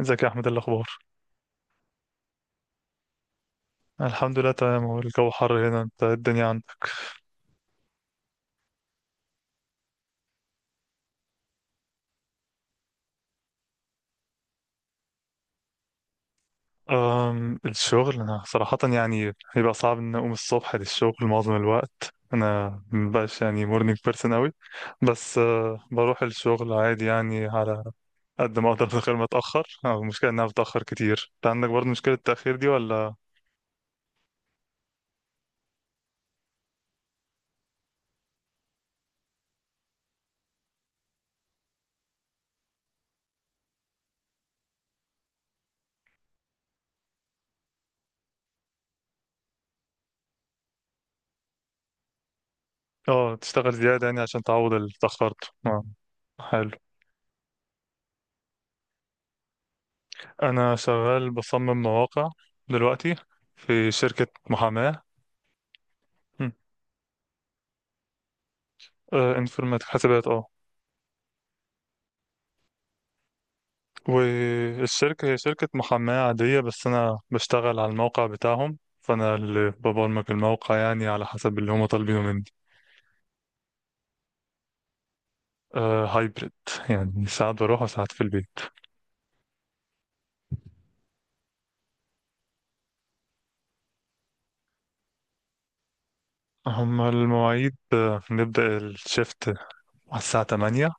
ازيك يا احمد؟ إيه الاخبار؟ الحمد لله تمام. هو الجو حر هنا، انت إيه الدنيا عندك؟ الشغل انا صراحه يعني بيبقى صعب ان اقوم الصبح للشغل. معظم الوقت انا مبقاش يعني مورنينج بيرسون اوي، بس بروح الشغل عادي يعني على قد ما اقدر من غير ما اتاخر. المشكله ان انا بتاخر كتير. انت عندك برضه مشكله التاخير دي ولا؟ اه تشتغل زياده يعني عشان تعوض اللي اتاخرته. حلو. انا شغال بصمم مواقع دلوقتي في شركه محاماه. آه، انفورماتيك حسابات اه. والشركة هي شركة محاماة عادية، بس أنا بشتغل على الموقع بتاعهم، فأنا اللي ببرمج الموقع يعني على حسب اللي هما طالبينه مني. آه، هايبريد، يعني ساعات بروح وساعات في البيت. هما المواعيد، آه، نبدأ الشيفت على الساعة 8،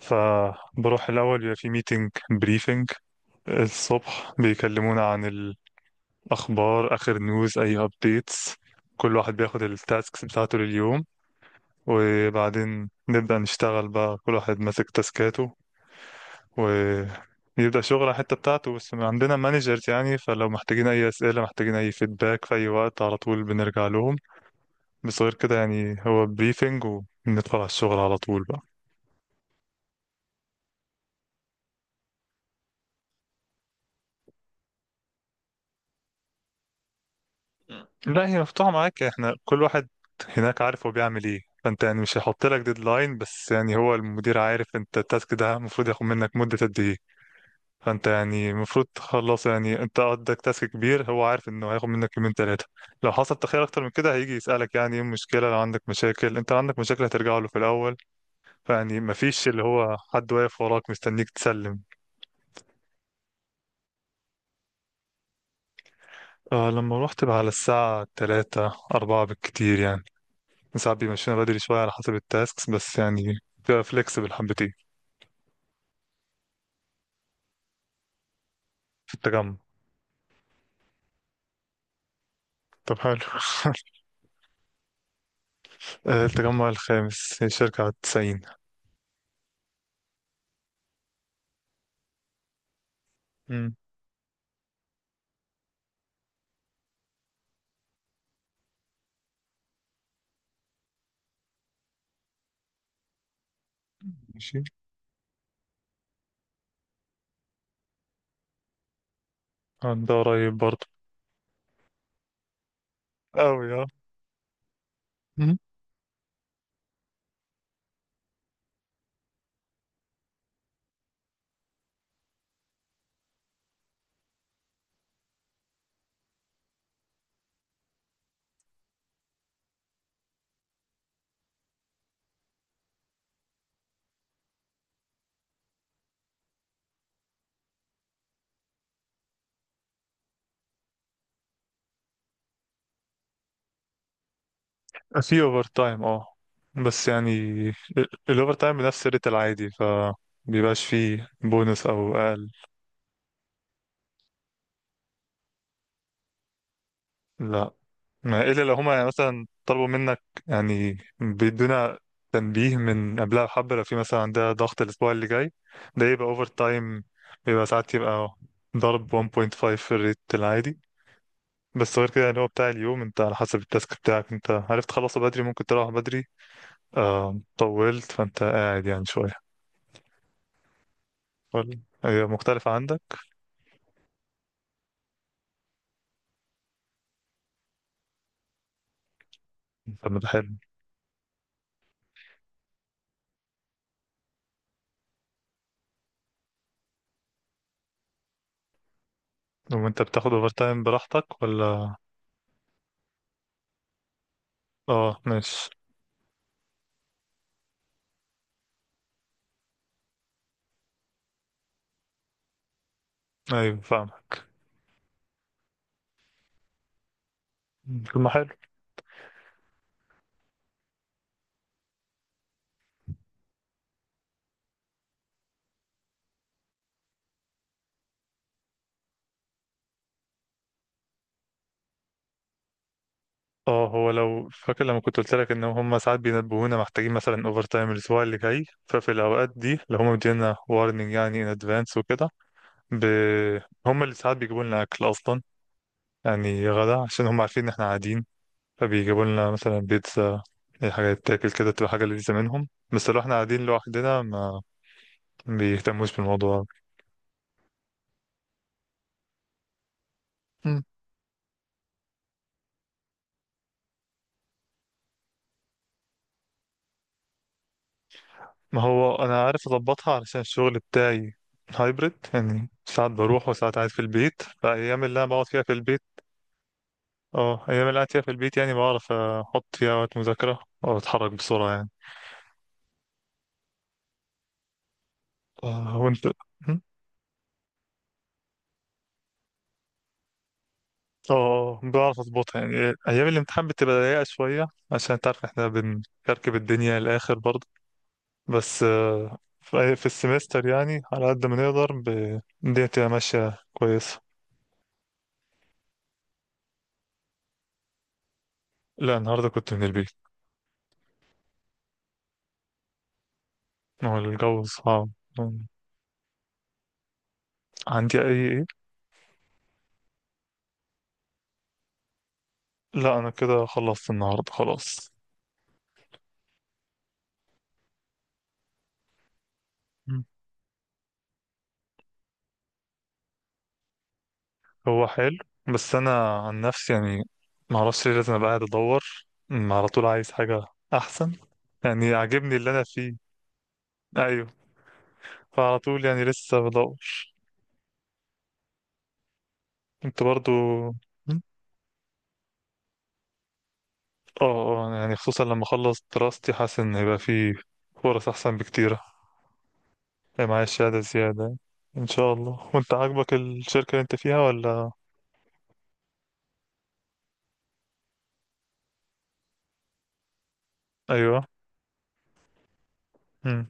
فبروح الأول بيبقى في ميتنج بريفنج. الصبح بيكلمونا عن الأخبار، آخر نيوز، أي أبديتس. كل واحد بياخد التاسكس بتاعته لليوم. وبعدين نبدأ نشتغل بقى، كل واحد ماسك تاسكاته ويبدأ شغل على الحتة بتاعته، بس عندنا مانجرز، يعني فلو محتاجين أي أسئلة، محتاجين أي فيدباك في أي وقت، على طول بنرجع لهم. بس غير كده يعني هو بريفنج وندخل على الشغل على طول بقى. لا، هي مفتوحة معاك. احنا كل واحد هناك عارف هو بيعمل ايه، فانت يعني مش هيحط لك ديدلاين، بس يعني هو المدير عارف انت التاسك ده المفروض ياخد منك مدة قد ايه. فانت يعني المفروض تخلص يعني انت، عندك تاسك كبير هو عارف انه هياخد منك يومين ثلاثه. لو حصل تاخير اكتر من كده هيجي يسالك يعني ايه المشكله. لو عندك مشاكل، انت لو عندك مشاكل هترجع له في الاول. فيعني مفيش اللي هو حد واقف وراك مستنيك تسلم. آه لما رحت بقى على الساعه 3 4 بالكتير يعني. ساعات بيمشينا بدري شويه على حسب التاسكس، بس يعني بتبقى فليكسبل حبتين. في التجمع. طب حلو آه، التجمع الخامس، هي شركة على التسعين. مم. ماشي. آه، ده قريب برضه. أوي اه. آه، في اوفر تايم اه، بس يعني الاوفر تايم بنفس الريت العادي، ف بيبقاش فيه بونص او اقل. لا، ما الا لو هما يعني مثلا طلبوا منك، يعني بيدونا تنبيه من قبلها بحبة، لو في مثلا عندها ضغط الاسبوع اللي جاي، ده يبقى اوفر تايم. بيبقى ساعات يبقى ضرب 1.5 في الريت العادي. بس غير كده يعني هو بتاع اليوم، انت على حسب التاسك بتاعك، انت عرفت تخلصه بدري ممكن تروح بدري. آه طولت فانت قاعد يعني شوية. ولا هي مختلفة عندك؟ طب ده حلو. وانت بتاخد اوفر تايم براحتك ولا؟ اه ماشي. ايوه فاهمك. طب ما حلو. اه هو لو فاكر لما كنت قلت لك ان هم ساعات بينبهونا محتاجين مثلا اوفر تايم الاسبوع اللي جاي، ففي الاوقات دي اللي هم مدينا وارنينج يعني ان ادفانس وكده، ب... هم اللي ساعات بيجيبوا لنا اكل اصلا، يعني غدا عشان هم عارفين ان احنا قاعدين. فبيجيبوا لنا مثلا بيتزا، اي حاجه تتاكل كده، تبقى حاجه لذيذه منهم. بس لو احنا قاعدين لوحدنا ما بيهتموش بالموضوع. ما هو انا عارف اظبطها، علشان الشغل بتاعي هايبرد، يعني ساعات بروح وساعات قاعد في البيت. فايام اللي انا بقعد فيها في البيت، اه، ايام اللي قاعد فيها في البيت، يعني بعرف احط فيها وقت مذاكرة او اتحرك بسرعة يعني. آه، وانت اه. آه، بعرف اظبطها يعني. ايام الامتحان بتبقى ضيقة شوية، عشان انت عارف احنا بنكركب الدنيا الاخر برضه. بس آه، في السمستر يعني على قد ما نقدر، الدنيا تبقى ماشية كويسة. لا، النهاردة كنت من البيت. هو الجو صعب. عندي اي ايه؟ لا، انا كده خلصت النهارده خلاص. مم. هو حلو، بس انا عن نفسي يعني ما اعرفش ليه، لازم ابقى قاعد ادور على طول عايز حاجه احسن. يعني عاجبني اللي انا فيه، ايوه، فعلى طول يعني لسه بدور. انت برضو. مم. اه آه، يعني خصوصا لما اخلص دراستي، حاسس ان هيبقى فيه فرص احسن بكتير. هيبقى معايا شهاده زياده ان شاء الله. وانت عاجبك الشركه اللي انت فيها ولا؟ ايوه. مم.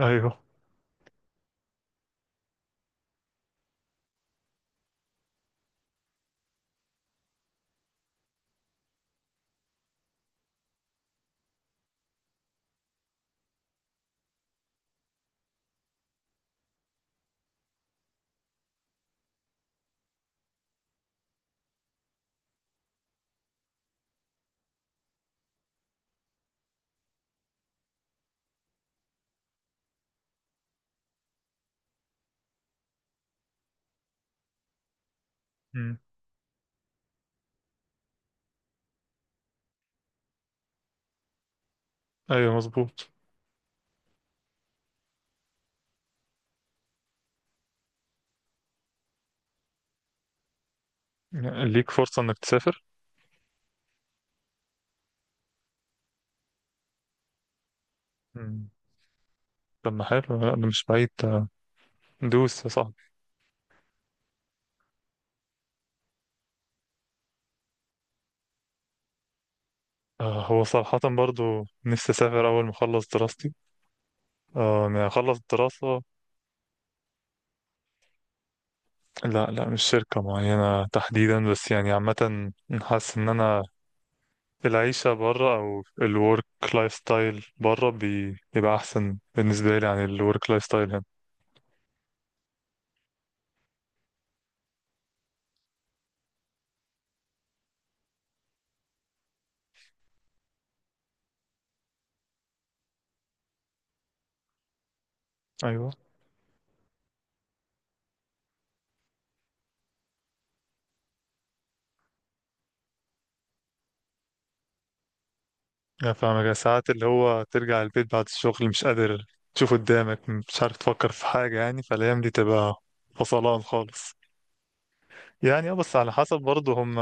ايوه. مم. ايوه مظبوط. ليك فرصة إنك تسافر؟ مم. طب ما حلو، لا ده مش بعيد ده. دوس يا صاحبي. آه هو صراحة برضو نفسي أسافر أول ما أخلص دراستي. آه، يعني أخلص الدراسة. لا لا، مش شركة معينة تحديدا، بس يعني عامة. حاسس إن أنا العيشة برا، أو الورك لايف ستايل برا، بيبقى أحسن بالنسبة لي عن الورك لايف ستايل هنا. أيوه. أنا فاهمك، يا ساعات اللي هو ترجع البيت بعد الشغل مش قادر تشوف قدامك، مش عارف تفكر في حاجة يعني، فالأيام دي تبقى فصلان خالص. يعني اه، بس على حسب برضه هم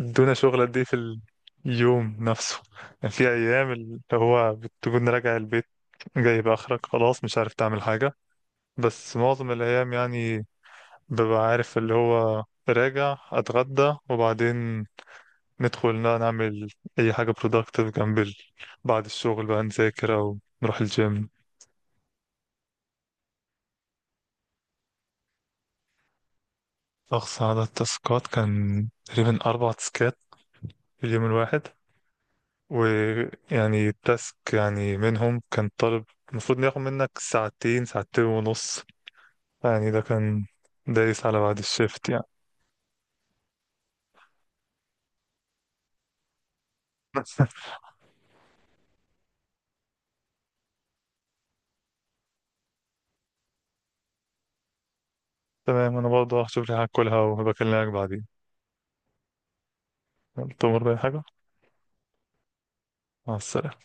ادونا شغل قد ايه في اليوم نفسه. يعني في أيام اللي هو بتكون راجع البيت جايب آخرك، خلاص مش عارف تعمل حاجة. بس معظم الأيام يعني ببقى عارف، اللي هو راجع أتغدى وبعدين ندخل نعمل أي حاجة productive، جنب بعد الشغل بقى نذاكر أو نروح الجيم. أقصى عدد تاسكات كان تقريبا أربع تاسكات في اليوم الواحد. ويعني تاسك يعني منهم كان طالب، المفروض إنه ياخد منك ساعتين، ساعتين ونص يعني. ده كان دايس على بعد الشيفت يعني. تمام، أنا برضه هشوف لي حاجة أكلها وبكلمك بعدين. تمر بأي حاجة. مع السلامة.